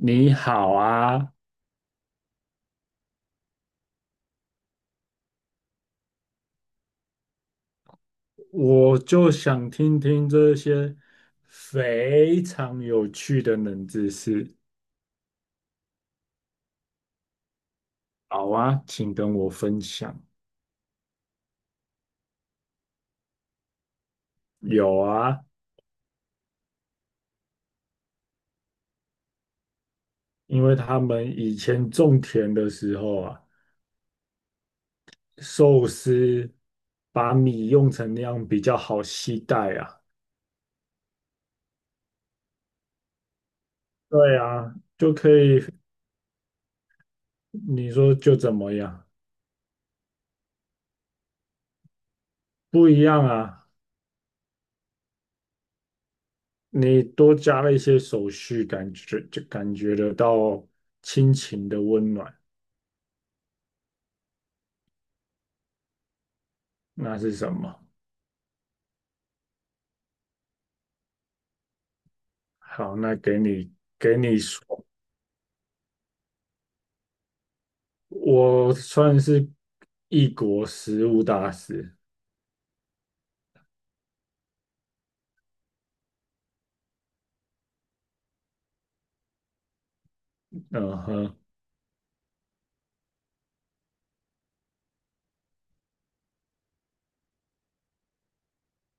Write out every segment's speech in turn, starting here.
你好啊，我就想听听这些非常有趣的冷知识。好啊，请跟我分享。有啊，因为他们以前种田的时候啊，寿司把米用成那样比较好携带啊。对啊，就可以，你说就怎么样？不一样啊，你多加了一些手续，感觉就感觉得到亲情的温暖。那是什么？好，那给你给你说，我算是异国食物大师。嗯哼，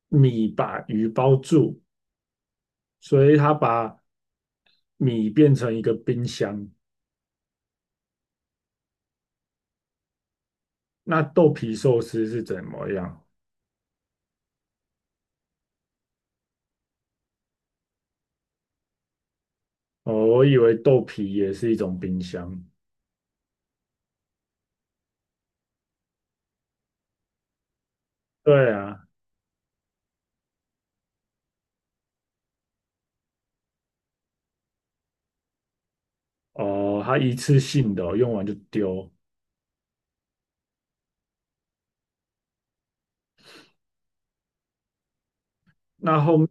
米把鱼包住，所以他把米变成一个冰箱。那豆皮寿司是怎么样？哦，我以为豆皮也是一种冰箱。对啊。哦，它一次性的哦用完就丢。那后面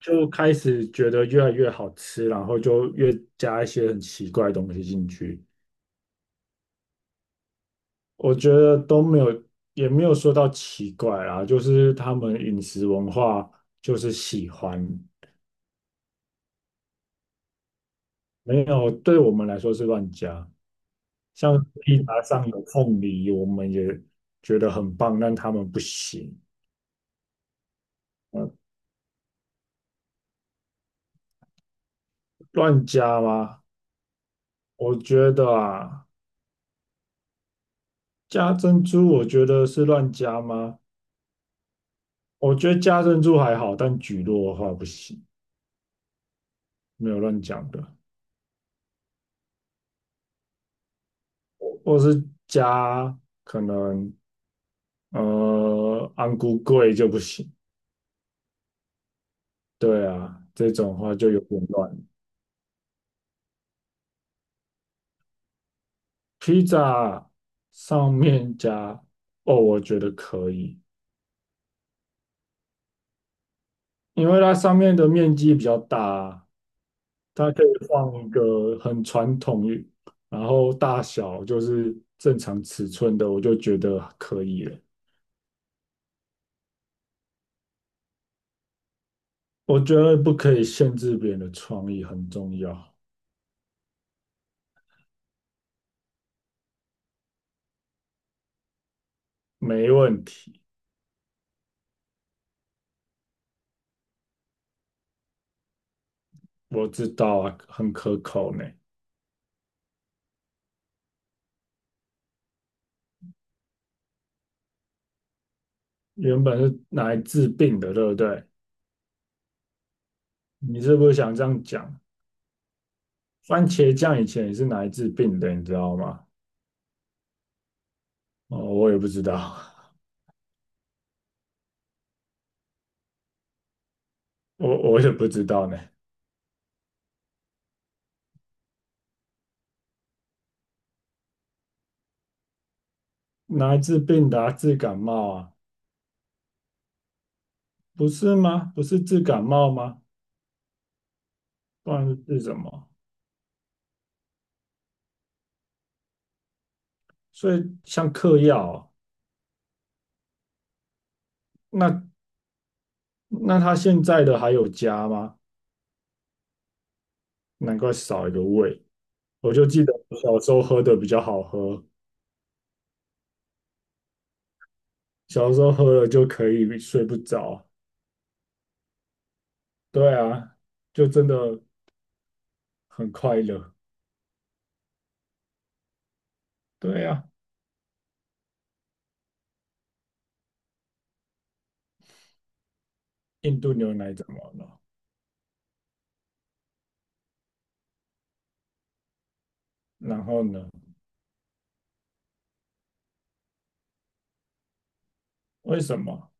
就开始觉得越来越好吃，然后就越加一些很奇怪的东西进去。我觉得都没有，也没有说到奇怪啦，就是他们饮食文化就是喜欢，没有，对我们来说是乱加。像披萨上有凤梨，我们也觉得很棒，但他们不行。呃，乱加吗？我觉得啊，加珍珠，我觉得是乱加吗？我觉得加珍珠还好，但蒟落的话不行，没有乱讲的，或是加可能。安菇贵就不行。对啊，这种话就有点乱。披萨上面加哦，我觉得可以，因为它上面的面积比较大啊，它可以放一个很传统，然后大小就是正常尺寸的，我就觉得可以了。我觉得不可以限制别人的创意很重要。没问题，我知道啊，很可口呢。原本是拿来治病的，对不对？你是不是想这样讲？番茄酱以前也是拿来治病的，你知道吗？哦，我也不知道，我也不知道呢。拿来治病的啊治感冒啊？不是吗？不是治感冒吗？不然是治什么？所以像嗑药啊那那他现在的还有加吗？难怪少一个胃。我就记得我小时候喝的比较好喝，小时候喝了就可以睡不着。对啊，就真的很快乐。对呀、印度牛奶怎么了？然后呢？为什么？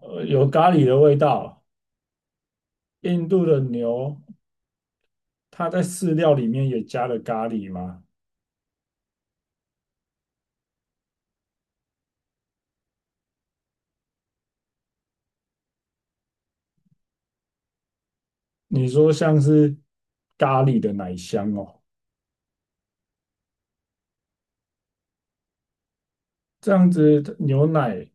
有咖喱的味道。印度的牛，它在饲料里面也加了咖喱吗？你说像是咖喱的奶香哦，这样子牛奶，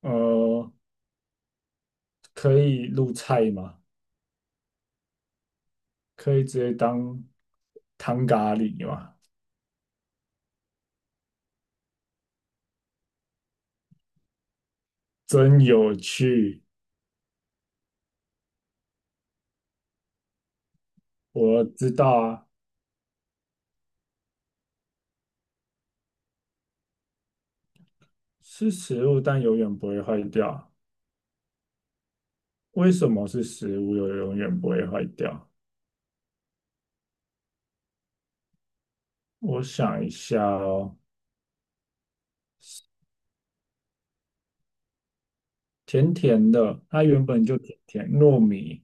呃，可以入菜吗？可以直接当汤咖喱吗？真有趣，我知道啊，是食物，但永远不会坏掉。为什么是食物又永远不会坏掉？我想一下哦，甜甜的，它原本就甜甜，糯米、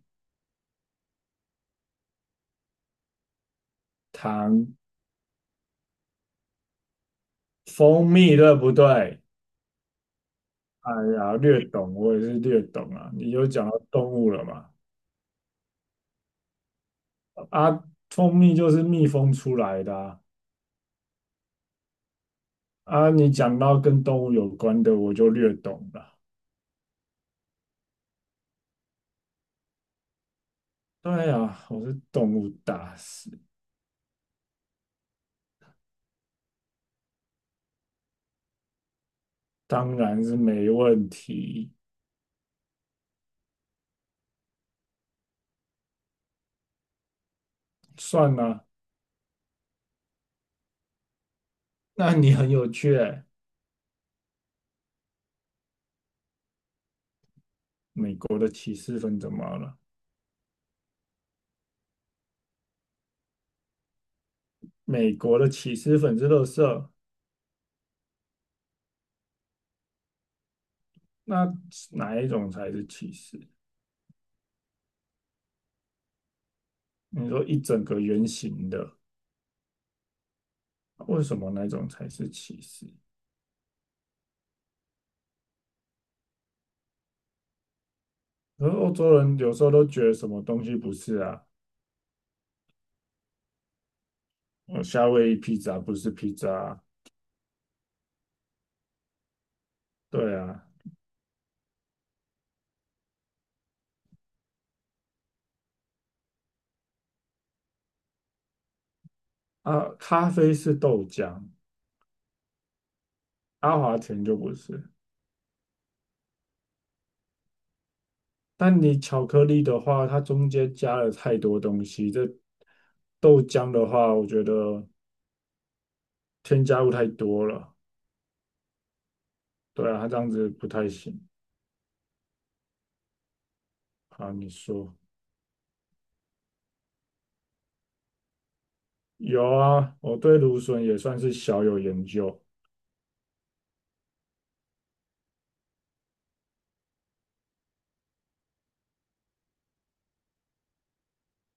糖、蜂蜜，对不对？哎呀，略懂，我也是略懂啊。你有讲到动物了嘛？啊，蜂蜜就是蜜蜂出来的啊。啊，你讲到跟动物有关的，我就略懂了。对呀，我是动物大师，当然是没问题。算了，那你很有趣欸。美国的起司粉怎么了？美国的起司粉是垃色。那哪一种才是歧视？你说一整个圆形的，为什么那种才是歧视？而欧洲人有时候都觉得什么东西不是啊，夏威夷披萨不是披萨啊，对啊，啊，咖啡是豆浆，阿华田就不是。但你巧克力的话，它中间加了太多东西，这豆浆的话，我觉得添加物太多了，对啊，它这样子不太行。好，你说。有啊，我对芦笋也算是小有研究。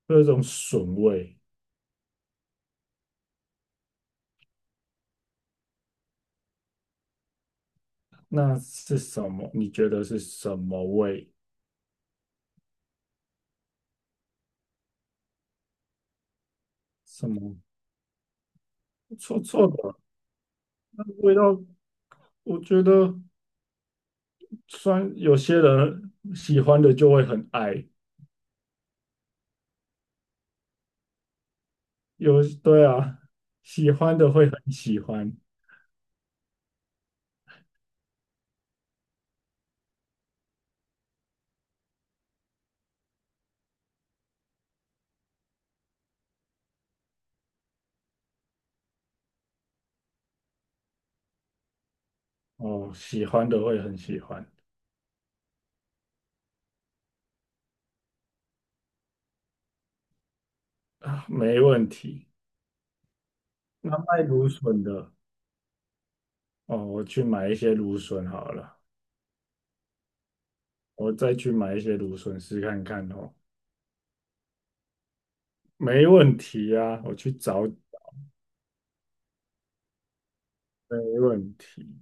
这种笋味，那是什么？你觉得是什么味？什么臭臭的？那味道，我觉得虽然有些人喜欢的就会很爱，有，对啊，喜欢的会很喜欢，哦，喜欢的会很喜欢，啊没问题。那卖芦笋的，哦，我去买一些芦笋好了，我再去买一些芦笋试看看哦。没问题啊，我去找，没问题。